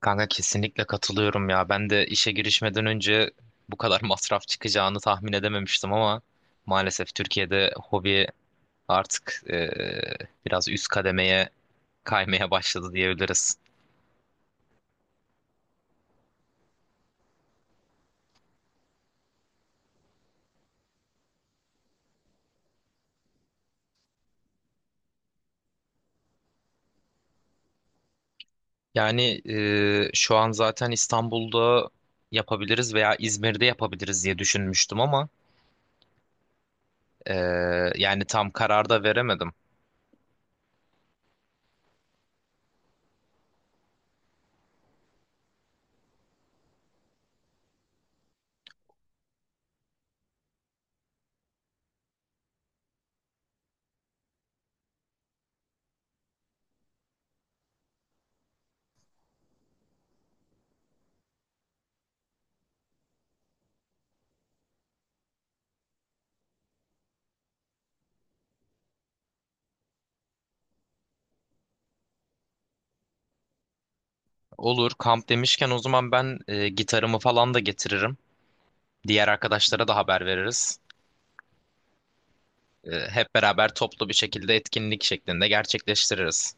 Kanka kesinlikle katılıyorum ya. Ben de işe girişmeden önce bu kadar masraf çıkacağını tahmin edememiştim ama maalesef Türkiye'de hobi artık biraz üst kademeye kaymaya başladı diyebiliriz. Yani şu an zaten İstanbul'da yapabiliriz veya İzmir'de yapabiliriz diye düşünmüştüm ama e, yani tam karar da veremedim. Olur, kamp demişken o zaman ben gitarımı falan da getiririm. Diğer arkadaşlara da haber veririz. Hep beraber toplu bir şekilde etkinlik şeklinde gerçekleştiririz.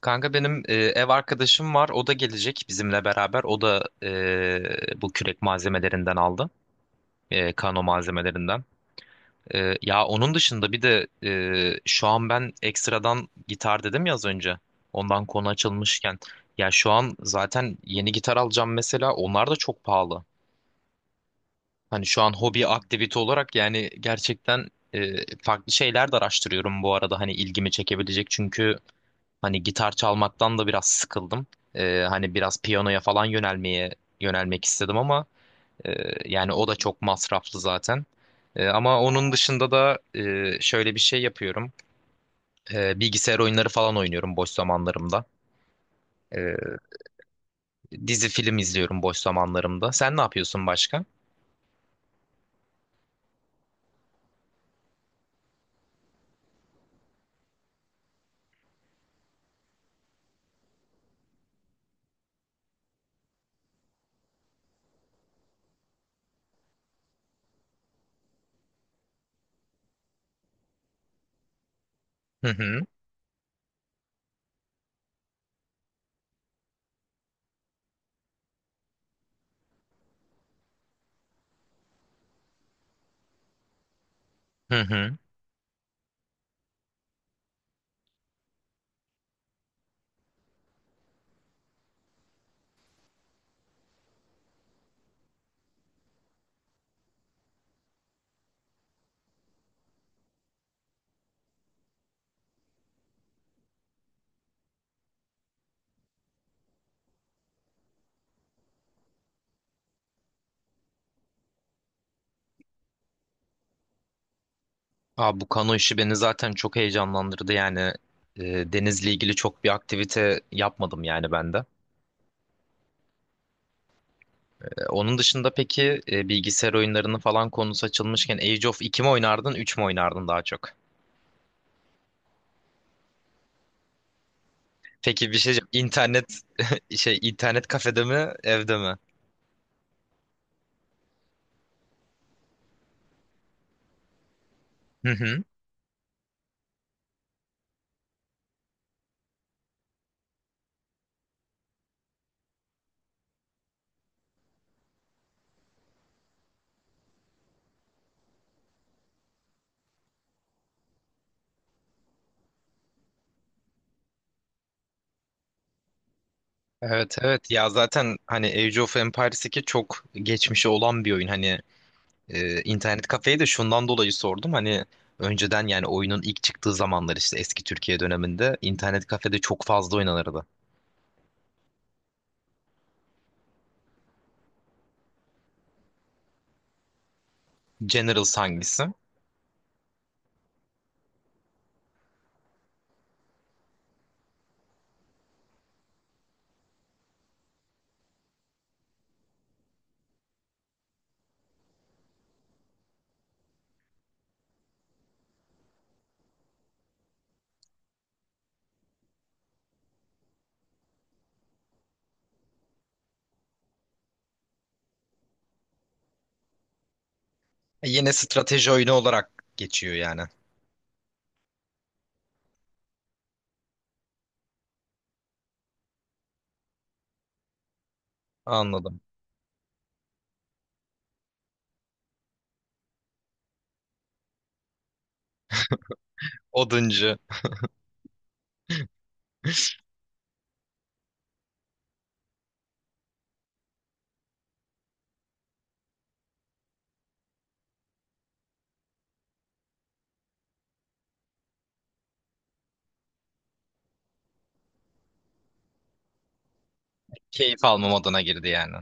Kanka benim ev arkadaşım var. O da gelecek bizimle beraber. O da bu kürek malzemelerinden aldı. Kano malzemelerinden. Ya onun dışında bir de şu an ben ekstradan gitar dedim ya az önce. Ondan konu açılmışken. Ya şu an zaten yeni gitar alacağım mesela. Onlar da çok pahalı. Hani şu an hobi aktivite olarak yani gerçekten e, farklı şeyler de araştırıyorum bu arada hani ilgimi çekebilecek çünkü hani gitar çalmaktan da biraz sıkıldım. Hani biraz piyanoya falan yönelmek istedim ama e, yani o da çok masraflı zaten. Ama onun dışında da şöyle bir şey yapıyorum. Bilgisayar oyunları falan oynuyorum boş zamanlarımda. E, Dizi film izliyorum boş zamanlarımda. Sen ne yapıyorsun başka? Hı hı. Hı hı. Abi bu kano işi beni zaten çok heyecanlandırdı yani denizle ilgili çok bir aktivite yapmadım yani ben de. Onun dışında peki bilgisayar oyunlarını falan konusu açılmışken Age of 2 mi oynardın, 3 mü oynardın daha çok? Peki bir şey diyeceğim. İnternet şey, internet kafede mi evde mi? Hı hı. Evet, evet ya, zaten hani Age of Empires 2 çok geçmişi olan bir oyun hani. İnternet kafeyi de şundan dolayı sordum. Hani önceden yani oyunun ilk çıktığı zamanlar işte eski Türkiye döneminde internet kafede çok fazla oynanırdı. Generals hangisi? Yine strateji oyunu olarak geçiyor yani. Anladım. Oduncu. Keyif almam adına girdi yani.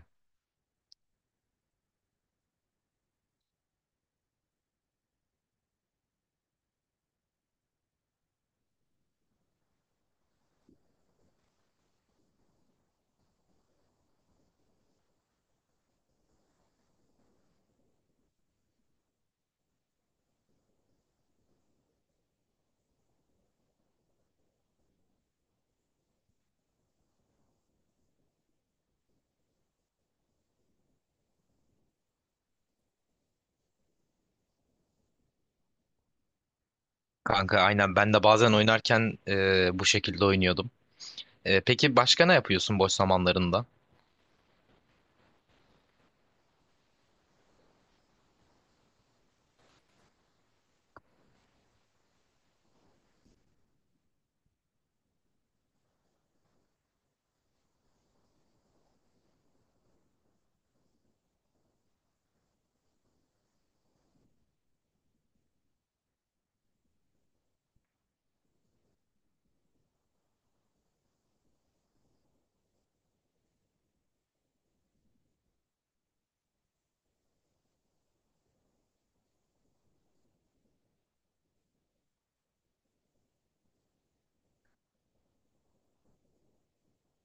Kanka aynen ben de bazen oynarken bu şekilde oynuyordum. Peki başka ne yapıyorsun boş zamanlarında?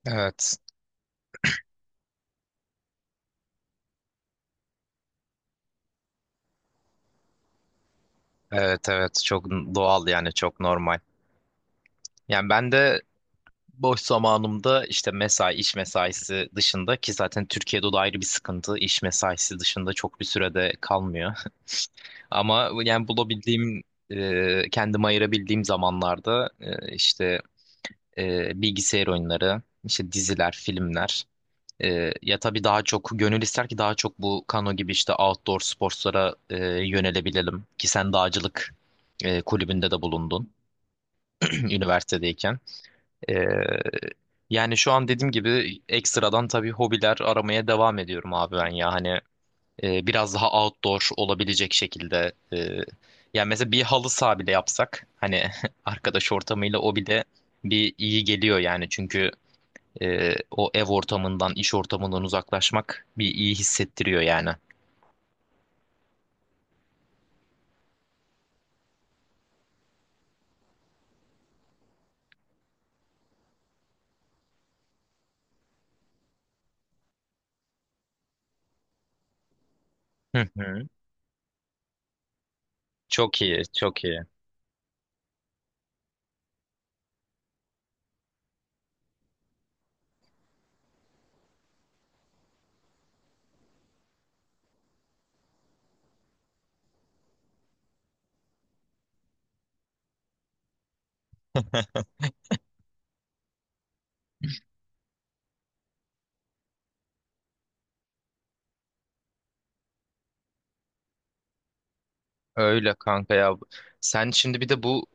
Evet. Evet, evet, çok doğal yani, çok normal. Yani ben de boş zamanımda işte mesai, iş mesaisi dışında, ki zaten Türkiye'de o da ayrı bir sıkıntı. İş mesaisi dışında çok bir sürede kalmıyor. Ama yani bulabildiğim, kendime ayırabildiğim zamanlarda işte bilgisayar oyunları, işte diziler, filmler. Ya tabii daha çok gönül ister ki daha çok bu kano gibi işte outdoor sporlara yönelebilelim. Ki sen dağcılık kulübünde de bulundun üniversitedeyken. Ee, Yani şu an dediğim gibi ekstradan tabii hobiler aramaya devam ediyorum abi ben ya. Hani biraz daha outdoor olabilecek şekilde. Yani mesela bir halı saha bile yapsak hani arkadaş ortamıyla o bile bir iyi geliyor yani. Çünkü o ev ortamından, iş ortamından uzaklaşmak bir iyi hissettiriyor yani. Hı hı. Çok iyi, çok iyi. Öyle kanka ya. Sen şimdi bir de bu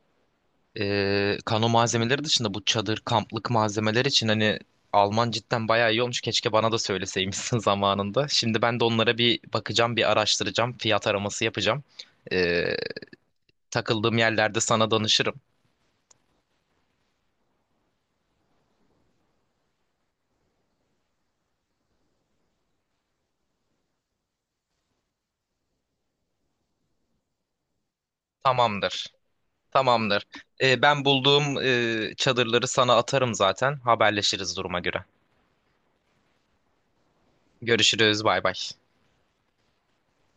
kano malzemeleri dışında bu çadır, kamplık malzemeler için hani alman cidden bayağı iyi olmuş. Keşke bana da söyleseymişsin zamanında. Şimdi ben de onlara bir bakacağım, bir araştıracağım, fiyat araması yapacağım. E, Takıldığım yerlerde sana danışırım. Tamamdır. Tamamdır. Ben bulduğum çadırları sana atarım zaten. Haberleşiriz duruma göre. Görüşürüz. Bay bay.